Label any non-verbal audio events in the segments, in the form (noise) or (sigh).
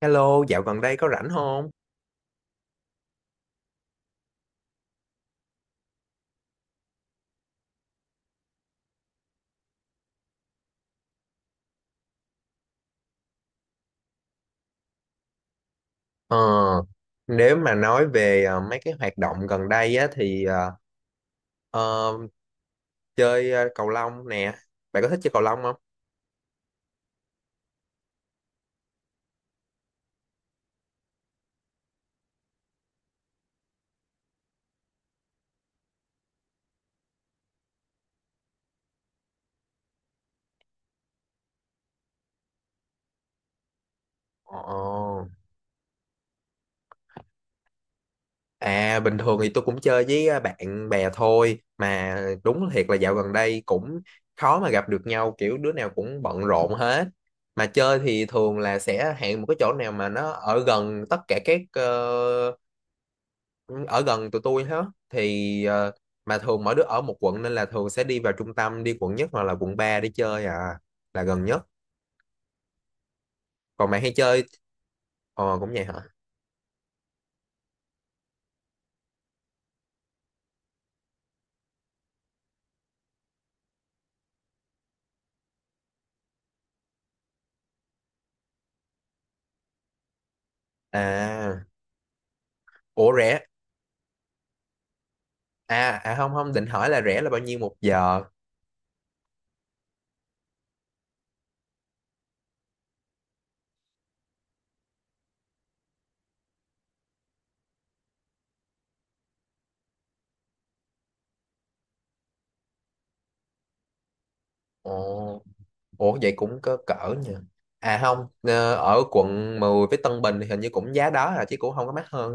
Hello, dạo gần đây có rảnh không? Ờ, Nếu mà nói về mấy cái hoạt động gần đây á thì ờ, chơi cầu lông nè. Bạn có thích chơi cầu lông không? Ồ. À, bình thường thì tôi cũng chơi với bạn bè thôi. Mà đúng thiệt là dạo gần đây cũng khó mà gặp được nhau, kiểu đứa nào cũng bận rộn hết. Mà chơi thì thường là sẽ hẹn một cái chỗ nào mà nó ở gần tất cả các ừ, ở gần tụi tôi hết thì mà thường mỗi đứa ở một quận nên là thường sẽ đi vào trung tâm, đi quận nhất hoặc là quận 3 để chơi à, là gần nhất. Còn bạn hay chơi cũng vậy hả? À, ủa rẻ? À à, không không định hỏi là rẻ là bao nhiêu một giờ. Ồ, ủa vậy cũng có cỡ nha. À không ờ, Ở quận 10 với Tân Bình thì hình như cũng giá đó à, chứ cũng không có mắc hơn.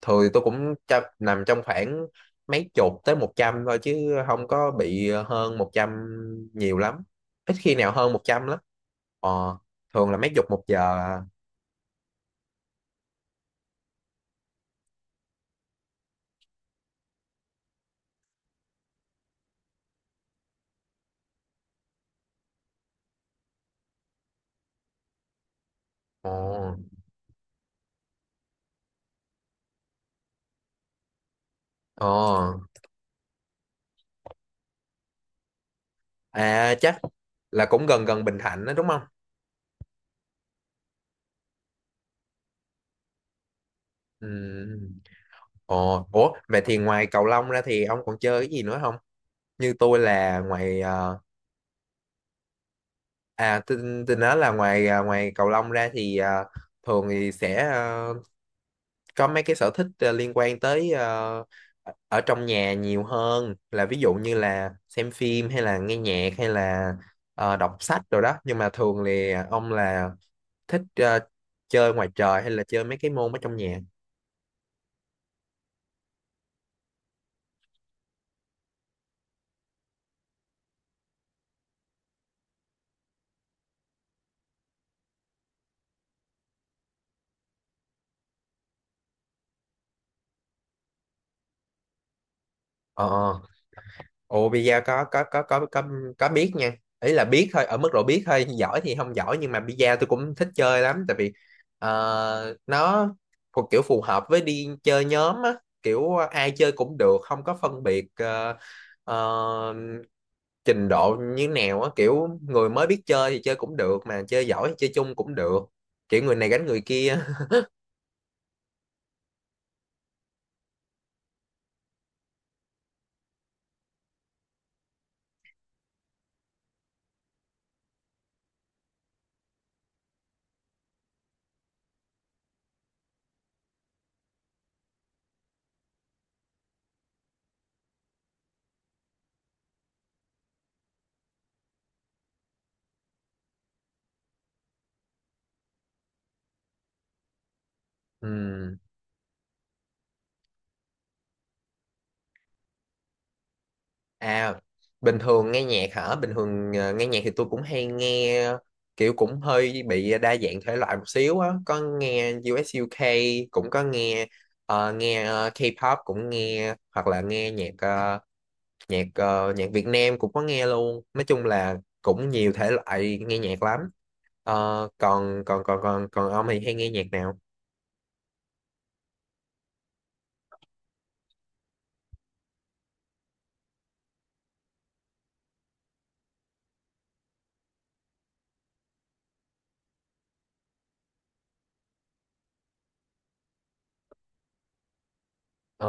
Thường tôi cũng nằm trong khoảng mấy chục tới 100 thôi, chứ không có bị hơn 100 nhiều lắm. Ít khi nào hơn 100 lắm. ờ, Thường là mấy chục một giờ à. ờ, ờ. À chắc là cũng gần gần Bình Thạnh đó đúng không? Ừ. Ờ. Ủa vậy thì ngoài cầu lông ra thì ông còn chơi cái gì nữa không? Như tôi là ngoài à tôi nói là ngoài cầu lông ra thì thường thì sẽ có mấy cái sở thích liên quan tới ở trong nhà nhiều hơn, là ví dụ như là xem phim hay là nghe nhạc hay là đọc sách rồi đó. Nhưng mà thường thì ông là thích chơi ngoài trời hay là chơi mấy cái môn ở trong nhà? ờ ờ. Ồ pizza, có, có biết nha. Ý là biết thôi, ở mức độ biết thôi, giỏi thì không giỏi, nhưng mà pizza tôi cũng thích chơi lắm, tại vì nó thuộc kiểu phù hợp với đi chơi nhóm á, kiểu ai chơi cũng được, không có phân biệt ờ, trình độ như nào á, kiểu người mới biết chơi thì chơi cũng được, mà chơi giỏi thì chơi chung cũng được. Kiểu người này gánh người kia. (laughs) Ừ. À, bình thường nghe nhạc hả? Bình thường nghe nhạc thì tôi cũng hay nghe kiểu cũng hơi bị đa dạng thể loại một xíu á. Có nghe u ét u UK, cũng có nghe K-pop cũng nghe, hoặc là nghe nhạc nhạc Việt Nam cũng có nghe luôn. Nói chung là cũng nhiều thể loại nghe nhạc lắm. Ờ, còn còn còn còn còn ông thì hay nghe nhạc nào? Ờ.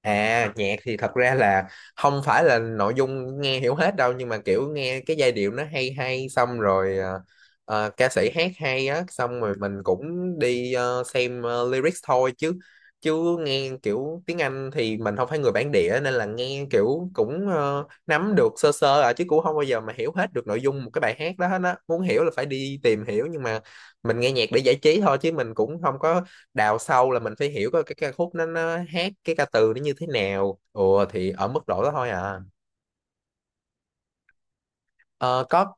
À nhạc thì thật ra là không phải là nội dung nghe hiểu hết đâu, nhưng mà kiểu nghe cái giai điệu nó hay hay, xong rồi ca sĩ hát hay á, xong rồi mình cũng đi xem lyrics thôi. Chứ Chứ nghe kiểu tiếng Anh thì mình không phải người bản địa, nên là nghe kiểu cũng nắm được sơ sơ à, chứ cũng không bao giờ mà hiểu hết được nội dung một cái bài hát đó hết á, muốn hiểu là phải đi tìm hiểu. Nhưng mà mình nghe nhạc để giải trí thôi, chứ mình cũng không có đào sâu là mình phải hiểu cái ca khúc nó hát cái ca từ nó như thế nào, ủa, thì ở mức độ đó thôi à. Ờ, có.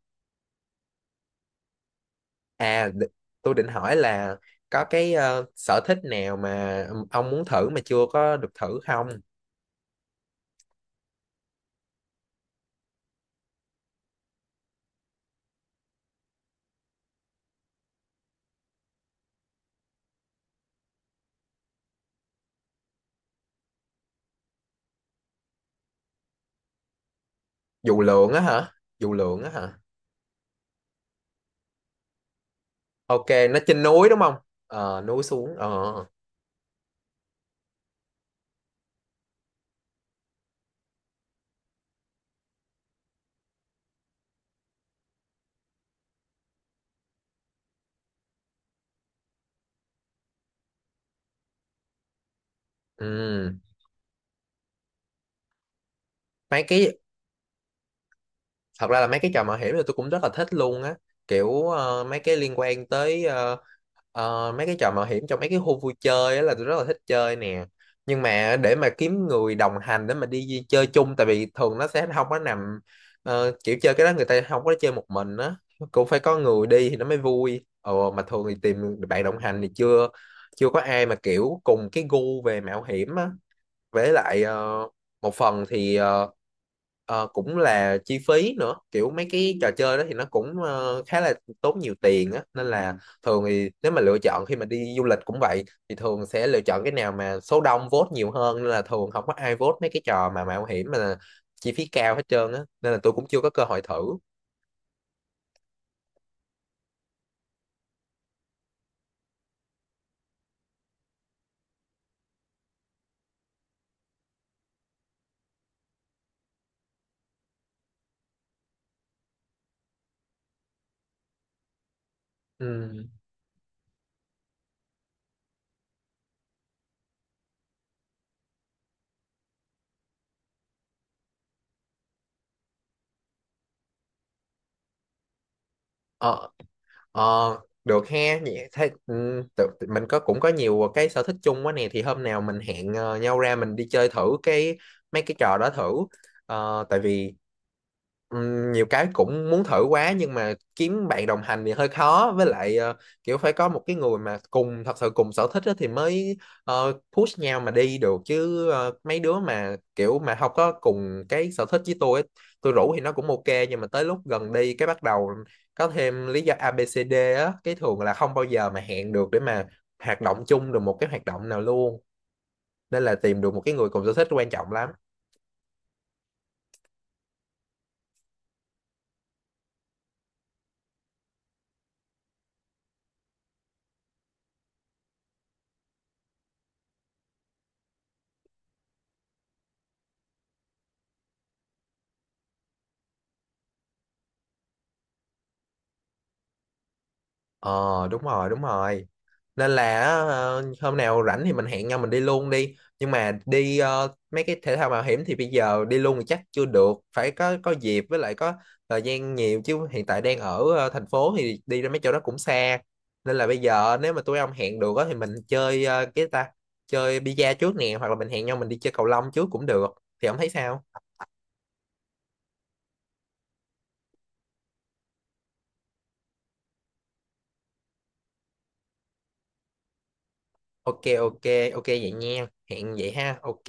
à đ- tôi định hỏi là có cái sở thích nào mà ông muốn thử mà chưa có được thử không? Dù lượn á hả? Dù lượn á hả? Ok, nó trên núi đúng không? Ờ núi xuống, ờ ừ. mấy cái Thật ra là mấy cái trò mạo hiểm thì tôi cũng rất là thích luôn á, kiểu mấy cái liên quan tới mấy cái trò mạo hiểm trong mấy cái khu vui chơi á là tôi rất là thích chơi nè. Nhưng mà để mà kiếm người đồng hành để mà đi chơi chung, tại vì thường nó sẽ không có nằm kiểu chơi cái đó người ta không có chơi một mình á, cũng phải có người đi thì nó mới vui. Ồ mà thường thì tìm bạn đồng hành thì chưa chưa có ai mà kiểu cùng cái gu về mạo hiểm á. Với lại một phần thì cũng là chi phí nữa, kiểu mấy cái trò chơi đó thì nó cũng khá là tốn nhiều tiền á, nên là thường thì nếu mà lựa chọn khi mà đi du lịch cũng vậy, thì thường sẽ lựa chọn cái nào mà số đông vote nhiều hơn, nên là thường không có ai vote mấy cái trò mà mạo hiểm mà chi phí cao hết trơn á, nên là tôi cũng chưa có cơ hội thử. Ừ. Ờ, Ờ, được he, vậy thế ừ, tự, tự- mình có cũng có nhiều cái sở thích chung quá nè, thì hôm nào mình hẹn nhau ra mình đi chơi thử cái mấy cái trò đó thử. Ờ, tại vì ừm, nhiều cái cũng muốn thử quá, nhưng mà kiếm bạn đồng hành thì hơi khó. Với lại kiểu phải có một cái người mà cùng thật sự cùng sở thích á thì mới push nhau mà đi được. Chứ mấy đứa mà kiểu mà không có cùng cái sở thích với tôi ấy, tôi rủ thì nó cũng ok, nhưng mà tới lúc gần đi cái bắt đầu có thêm lý do a ABCD á, cái thường là không bao giờ mà hẹn được để mà hoạt động chung được một cái hoạt động nào luôn. Nên là tìm được một cái người cùng sở thích quan trọng lắm. Ờ đúng rồi, đúng rồi. Nên là hôm nào rảnh thì mình hẹn nhau mình đi luôn đi. Nhưng mà đi mấy cái thể thao mạo hiểm thì bây giờ đi luôn thì chắc chưa được, phải có dịp với lại có thời gian nhiều, chứ hiện tại đang ở thành phố thì đi ra mấy chỗ đó cũng xa. Nên là bây giờ nếu mà tụi ông hẹn được á, thì mình chơi ờ, cái ta chơi bida trước nè, hoặc là mình hẹn nhau mình đi chơi cầu lông trước cũng được. Thì ông thấy sao? Ok, ok. Ok vậy nha, hẹn vậy ha, ok.